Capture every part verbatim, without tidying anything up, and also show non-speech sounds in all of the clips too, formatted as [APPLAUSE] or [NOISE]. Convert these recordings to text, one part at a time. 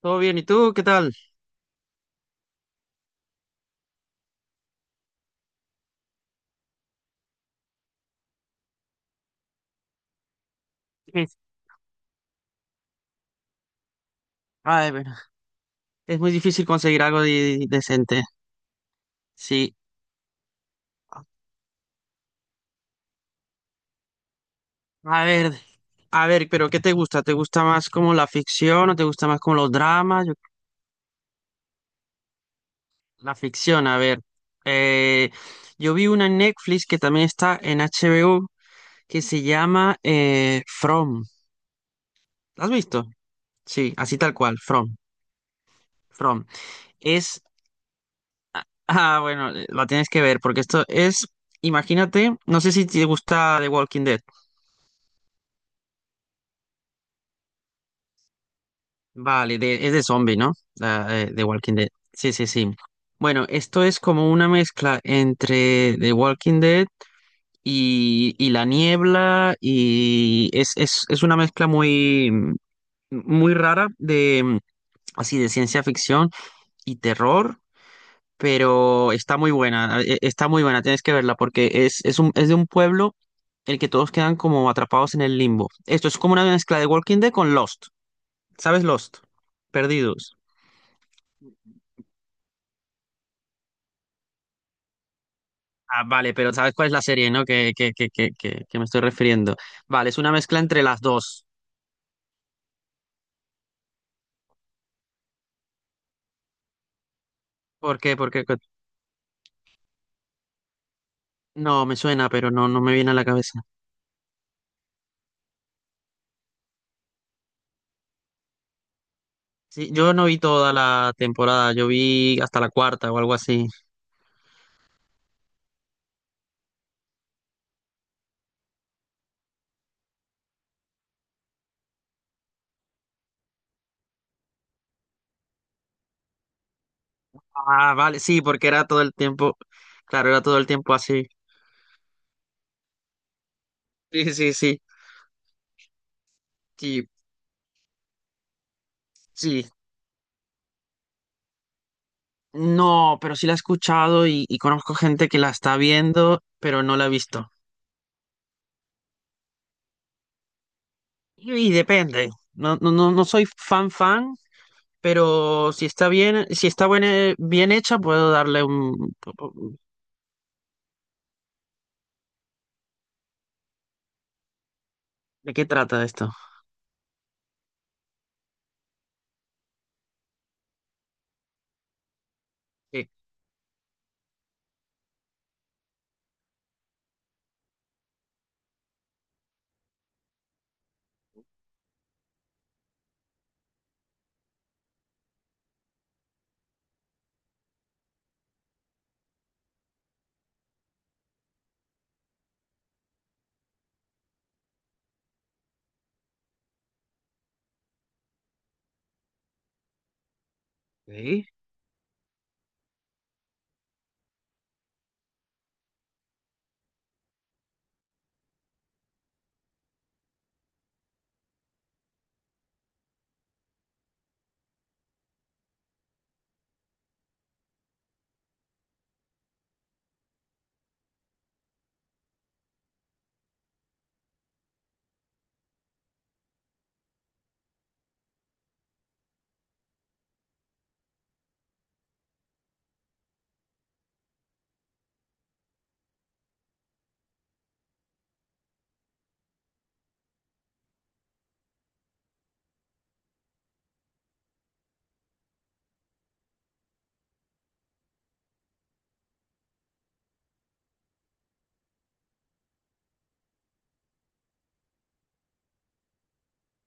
Todo bien, ¿y tú qué tal? Sí. Ay, bueno, es muy difícil conseguir algo de- decente. Sí. A ver, a ver, pero ¿qué te gusta? ¿Te gusta más como la ficción o te gusta más como los dramas? Yo- la ficción, a ver. Eh, yo vi una en Netflix que también está en H B O que se llama eh, From. ¿La has visto? Sí, así tal cual, From. From. Es, [LAUGHS] ah, bueno, eh, la tienes que ver porque esto es, imagínate, no sé si te gusta The Walking Dead. Vale, de- es de zombie, ¿no? La, eh, de Walking Dead. Sí, sí, sí. Bueno, esto es como una mezcla entre The Walking Dead y, y La Niebla y es, es, es una mezcla muy, muy rara de mm, así de ciencia ficción y terror, pero está muy buena, eh, está muy buena, tienes que verla porque es, es un, es de un pueblo el que todos quedan como atrapados en el limbo. Esto es como una mezcla de Walking Dead con Lost. ¿Sabes Lost? Perdidos. Ah, vale, pero ¿sabes cuál es la serie, no? Que, que, que, que, que, que me estoy refiriendo. Vale, es una mezcla entre las dos. ¿Por qué? Porque no, me suena, pero no, no me viene a la cabeza. Sí, yo no vi toda la temporada, yo vi hasta la cuarta o algo así. Ah, vale, sí, porque era todo el tiempo, claro, era todo el tiempo así. Sí, sí, sí, sí, sí. No, pero sí la he escuchado y, y conozco gente que la está viendo, pero no la ha visto. Y, y depende. No, no, no, no soy fan fan, pero si está bien, si está buen- eh, bien hecha, puedo darle un... ¿De qué trata esto? Eh, ¿eh?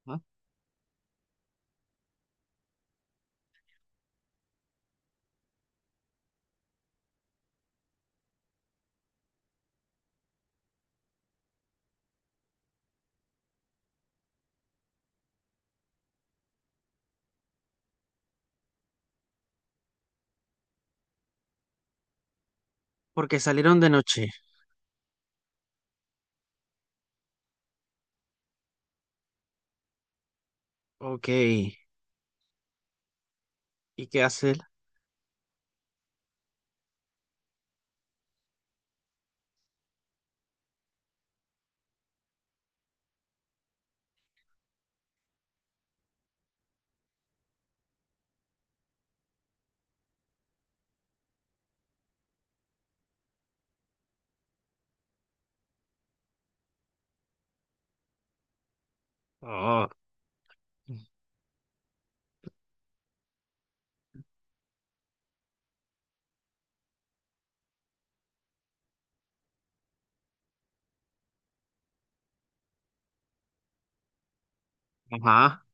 ¿Ah? Porque salieron de noche. Ok. ¿Y qué hace él? Oh, ajá.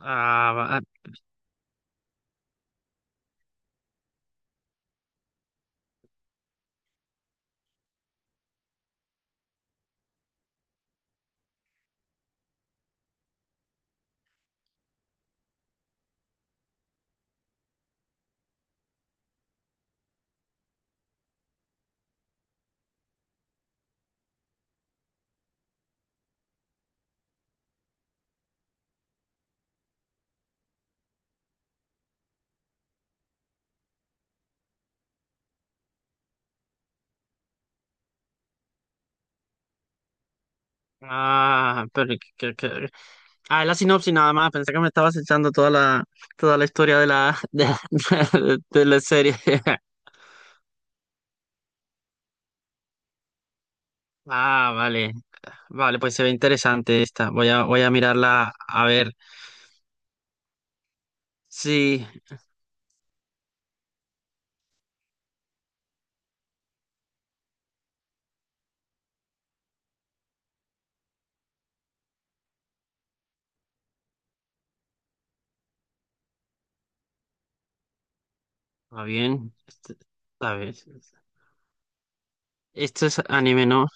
Ah, ah, ah, pero que- que- ah, la sinopsis nada más. Pensé que me estabas echando toda la, toda la historia de la, [LAUGHS] de, de- de la serie. [LAUGHS] Ah, vale. Vale, pues se ve interesante esta. Voy a, voy a mirarla a ver. Sí, está bien. Este- está bien. Esto es anime, ¿no?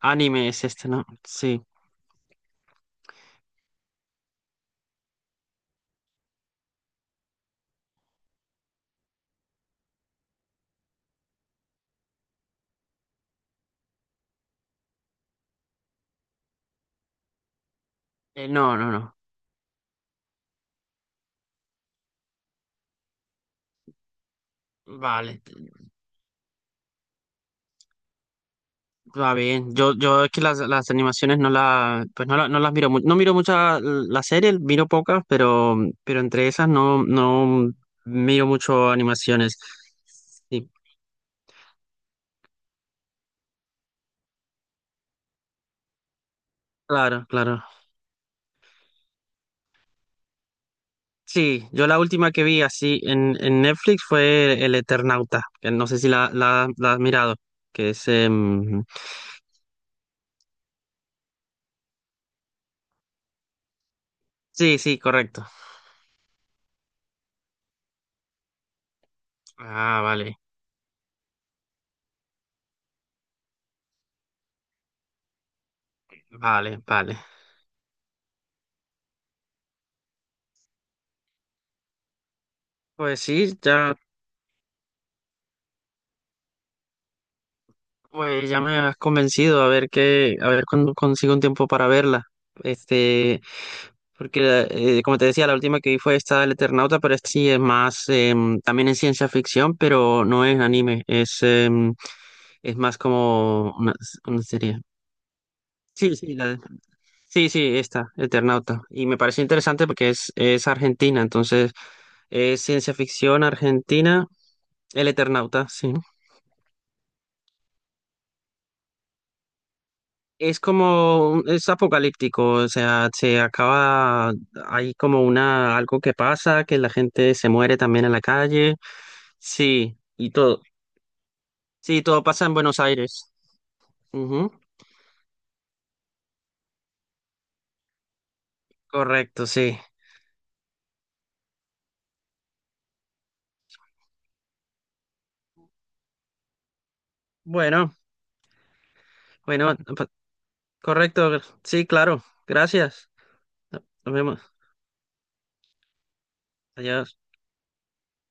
Anime es este, ¿no? Sí. Eh, no, no, no. Vale. Va bien. Yo, yo es que las, las animaciones no las, pues no, la- no las miro mucho. No miro muchas las series, miro pocas, pero, pero entre esas no, no miro mucho animaciones. Sí, claro, claro. Sí, yo la última que vi así en, en Netflix fue El Eternauta, que no sé si la, la, la has mirado, que es... em, sí, sí, correcto. Ah, vale, vale, vale. Pues sí, ya, pues ya me has convencido a ver qué, a ver cuándo consigo un tiempo para verla. Este, porque eh, como te decía, la última que vi fue esta del Eternauta, pero esta sí es más, em, también es ciencia ficción, pero no es anime, es, em, es más como una, una serie. Sí, sí, la de- sí, sí, esta, Eternauta. Y me pareció interesante porque es, es argentina, entonces es ciencia ficción argentina, el Eternauta, sí. Es como, es apocalíptico, o sea, se acaba, hay como una, algo que pasa, que la gente se muere también en la calle, sí, y todo, sí, todo pasa en Buenos Aires. Ujú, correcto, sí. Bueno, bueno, pa- correcto, sí, claro, gracias. Nos vemos. Adiós.